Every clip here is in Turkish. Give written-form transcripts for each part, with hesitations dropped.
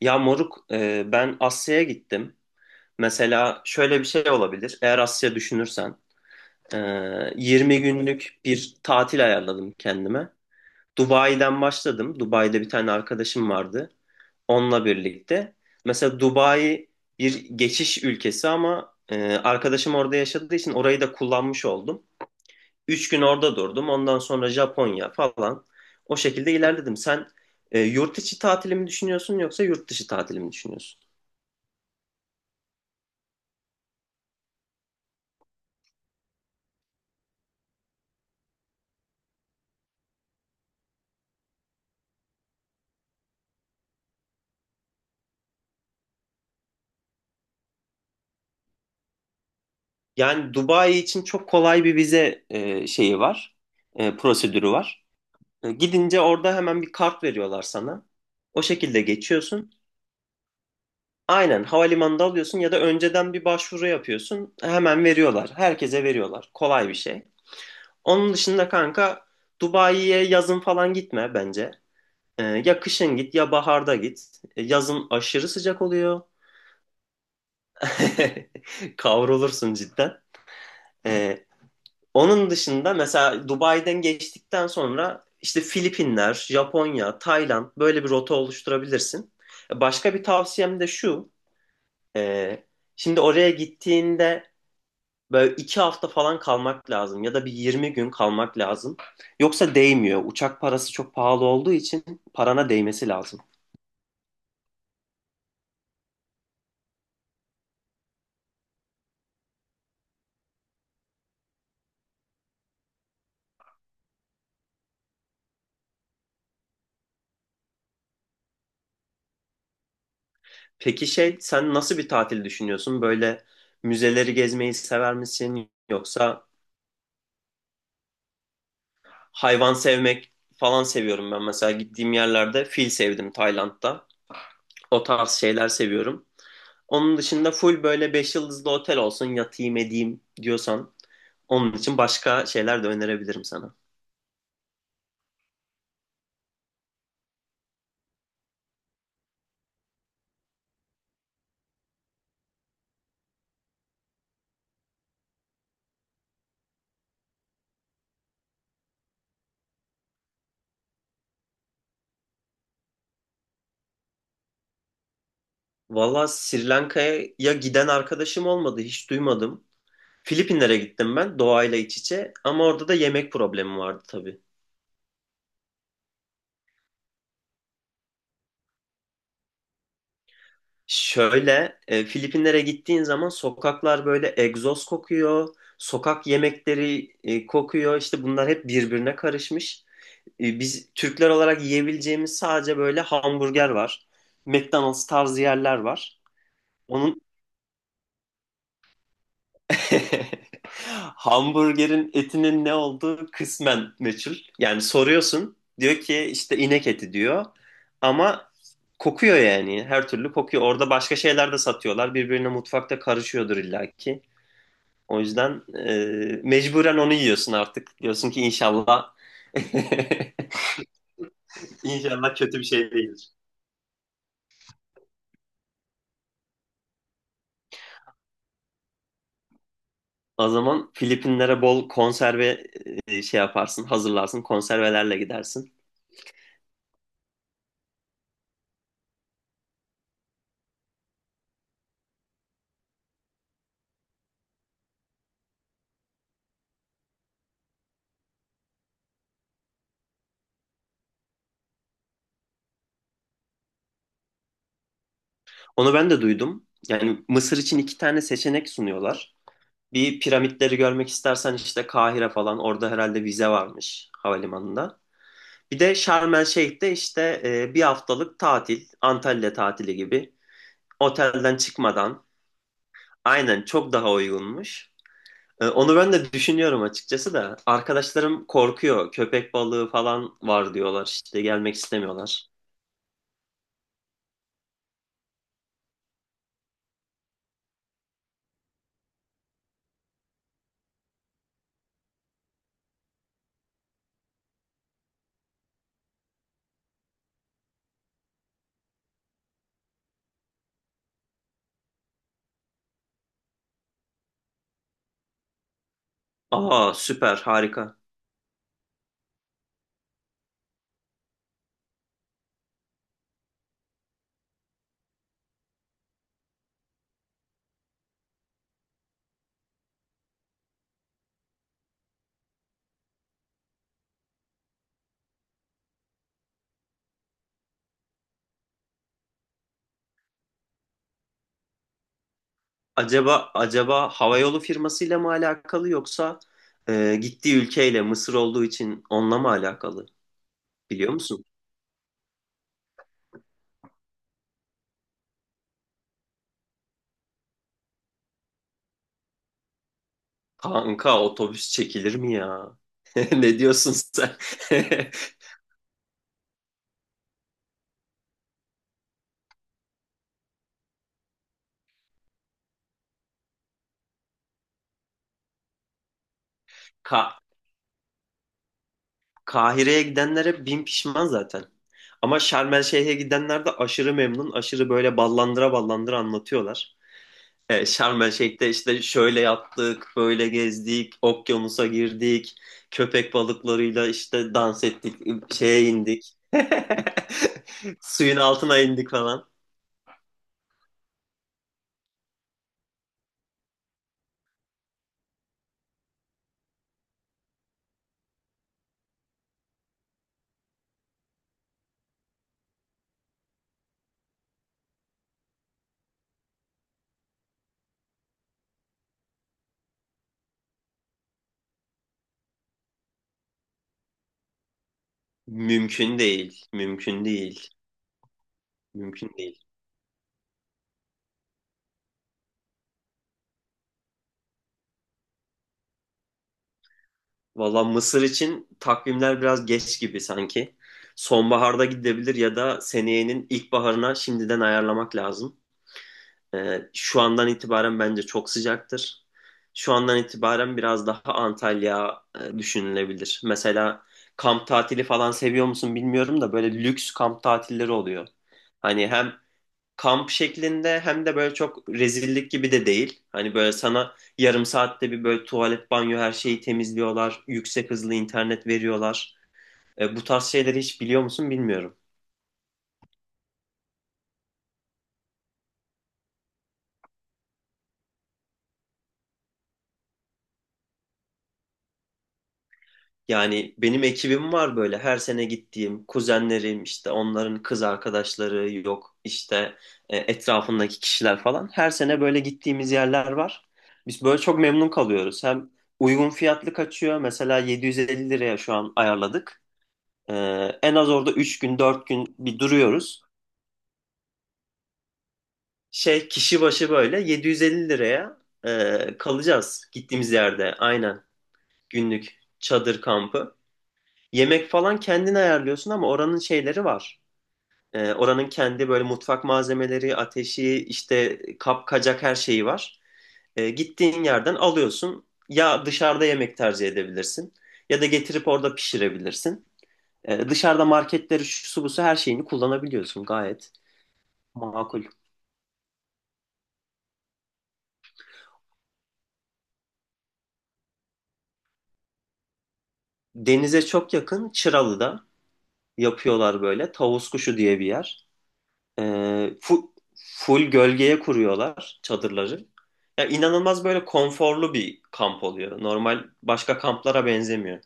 Ya moruk, ben Asya'ya gittim. Mesela şöyle bir şey olabilir. Eğer Asya düşünürsen, e, 20 günlük bir tatil ayarladım kendime. Dubai'den başladım. Dubai'de bir tane arkadaşım vardı. Onunla birlikte. Mesela Dubai bir geçiş ülkesi ama arkadaşım orada yaşadığı için orayı da kullanmış oldum. 3 gün orada durdum. Ondan sonra Japonya falan. O şekilde ilerledim. Sen yurt içi tatilimi düşünüyorsun yoksa yurt dışı tatilimi düşünüyorsun? Yani Dubai için çok kolay bir vize şeyi var, prosedürü var. Gidince orada hemen bir kart veriyorlar sana. O şekilde geçiyorsun. Aynen havalimanında alıyorsun ya da önceden bir başvuru yapıyorsun. Hemen veriyorlar. Herkese veriyorlar. Kolay bir şey. Onun dışında kanka Dubai'ye yazın falan gitme bence. Ya kışın git ya baharda git. Yazın aşırı sıcak oluyor. Kavrulursun cidden. E, Onun dışında mesela Dubai'den geçtikten sonra işte Filipinler, Japonya, Tayland böyle bir rota oluşturabilirsin. Başka bir tavsiyem de şu. e, Şimdi oraya gittiğinde böyle 2 hafta falan kalmak lazım ya da bir 20 gün kalmak lazım. Yoksa değmiyor. Uçak parası çok pahalı olduğu için parana değmesi lazım. Peki şey sen nasıl bir tatil düşünüyorsun? Böyle müzeleri gezmeyi sever misin? Yoksa hayvan sevmek falan seviyorum ben. Mesela gittiğim yerlerde fil sevdim Tayland'da. O tarz şeyler seviyorum. Onun dışında full böyle 5 yıldızlı otel olsun yatayım edeyim diyorsan onun için başka şeyler de önerebilirim sana. Valla Sri Lanka'ya giden arkadaşım olmadı hiç duymadım. Filipinlere gittim ben doğayla iç içe ama orada da yemek problemi vardı tabii. Şöyle, Filipinlere gittiğin zaman sokaklar böyle egzoz kokuyor, sokak yemekleri kokuyor. İşte bunlar hep birbirine karışmış. Biz Türkler olarak yiyebileceğimiz sadece böyle hamburger var. McDonald's tarzı yerler var. Onun Hamburgerin etinin ne olduğu kısmen meçhul. Yani soruyorsun diyor ki işte inek eti diyor ama kokuyor yani her türlü kokuyor. Orada başka şeyler de satıyorlar birbirine mutfakta karışıyordur illaki. O yüzden mecburen onu yiyorsun artık. Diyorsun ki inşallah inşallah kötü bir şey değildir. O zaman Filipinlere bol konserve şey yaparsın, hazırlarsın, konservelerle gidersin. Onu ben de duydum. Yani Mısır için iki tane seçenek sunuyorlar. Bir piramitleri görmek istersen işte Kahire falan orada herhalde vize varmış havalimanında. Bir de Şarm El Şeyh'te işte bir haftalık tatil, Antalya tatili gibi. Otelden çıkmadan aynen çok daha uygunmuş. Onu ben de düşünüyorum açıkçası da. Arkadaşlarım korkuyor. Köpek balığı falan var diyorlar işte gelmek istemiyorlar. Aa, süper harika. Acaba acaba havayolu firmasıyla mı alakalı yoksa gittiği ülkeyle Mısır olduğu için onunla mı alakalı? Biliyor musun? Kanka otobüs çekilir mi ya? Ne diyorsun sen? Ka Kahire'ye gidenlere bin pişman zaten. Ama Şarm El Şeyh'e gidenler de aşırı memnun, aşırı böyle ballandıra ballandıra anlatıyorlar. Şarm El Şeyh'te işte şöyle yaptık, böyle gezdik, okyanusa girdik, köpek balıklarıyla işte dans ettik, şeye indik. Suyun altına indik falan. Mümkün değil, mümkün değil, mümkün değil. Valla Mısır için takvimler biraz geç gibi sanki. Sonbaharda gidebilir ya da seneyenin ilkbaharına şimdiden ayarlamak lazım. Şu andan itibaren bence çok sıcaktır. Şu andan itibaren biraz daha Antalya düşünülebilir. Mesela kamp tatili falan seviyor musun bilmiyorum da böyle lüks kamp tatilleri oluyor. Hani hem kamp şeklinde hem de böyle çok rezillik gibi de değil. Hani böyle sana yarım saatte bir böyle tuvalet, banyo her şeyi temizliyorlar. Yüksek hızlı internet veriyorlar. Bu tarz şeyleri hiç biliyor musun bilmiyorum. Yani benim ekibim var böyle her sene gittiğim kuzenlerim işte onların kız arkadaşları yok işte etrafındaki kişiler falan her sene böyle gittiğimiz yerler var. Biz böyle çok memnun kalıyoruz. Hem uygun fiyatlı kaçıyor, mesela 750 liraya şu an ayarladık. E, En az orada 3 gün 4 gün bir duruyoruz. Şey, kişi başı böyle 750 liraya kalacağız gittiğimiz yerde, aynen, günlük çadır kampı. Yemek falan kendin ayarlıyorsun ama oranın şeyleri var. Oranın kendi böyle mutfak malzemeleri, ateşi, işte kap kacak her şeyi var. Gittiğin yerden alıyorsun. Ya dışarıda yemek tercih edebilirsin ya da getirip orada pişirebilirsin. Dışarıda marketleri, şu su bu su her şeyini kullanabiliyorsun, gayet makul. Denize çok yakın Çıralı'da yapıyorlar böyle. Tavus kuşu diye bir yer. Full gölgeye kuruyorlar çadırları. Ya inanılmaz böyle konforlu bir kamp oluyor. Normal başka kamplara benzemiyor.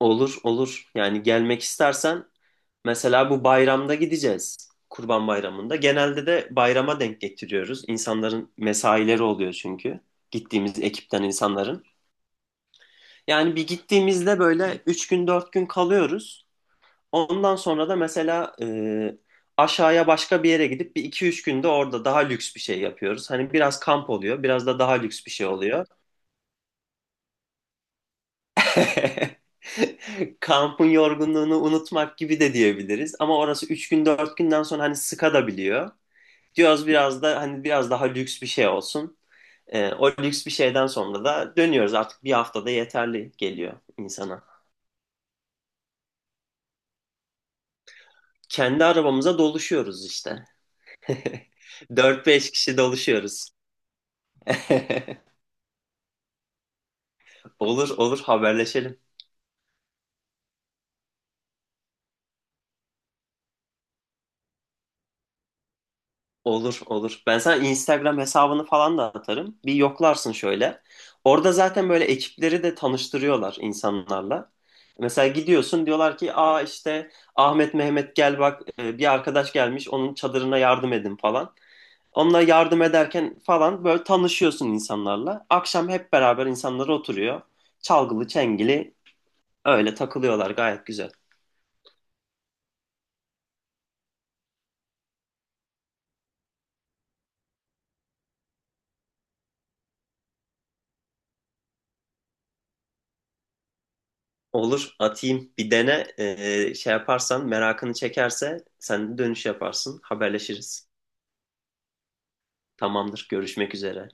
Olur, olur. Yani gelmek istersen mesela bu bayramda gideceğiz. Kurban Bayramı'nda. Genelde de bayrama denk getiriyoruz. İnsanların mesaileri oluyor çünkü. Gittiğimiz ekipten insanların. Yani bir gittiğimizde böyle 3 gün 4 gün kalıyoruz. Ondan sonra da mesela aşağıya başka bir yere gidip 1 2 3 günde orada daha lüks bir şey yapıyoruz. Hani biraz kamp oluyor, biraz da daha lüks bir şey oluyor. Kampın yorgunluğunu unutmak gibi de diyebiliriz. Ama orası 3 gün 4 günden sonra hani sıkadabiliyor. Diyoruz biraz da hani biraz daha lüks bir şey olsun. E, o lüks bir şeyden sonra da dönüyoruz, artık bir haftada yeterli geliyor insana. Kendi arabamıza doluşuyoruz işte. 4 5 kişi doluşuyoruz. Olur, olur, haberleşelim. Olur, olur. Ben sana Instagram hesabını falan da atarım. Bir yoklarsın şöyle. Orada zaten böyle ekipleri de tanıştırıyorlar insanlarla. Mesela gidiyorsun diyorlar ki aa işte Ahmet Mehmet gel bak bir arkadaş gelmiş onun çadırına yardım edin falan. Onunla yardım ederken falan böyle tanışıyorsun insanlarla. Akşam hep beraber insanlar oturuyor. Çalgılı çengili öyle takılıyorlar, gayet güzel. Olur, atayım, bir dene. Şey yaparsan, merakını çekerse sen de dönüş yaparsın, haberleşiriz. Tamamdır, görüşmek üzere.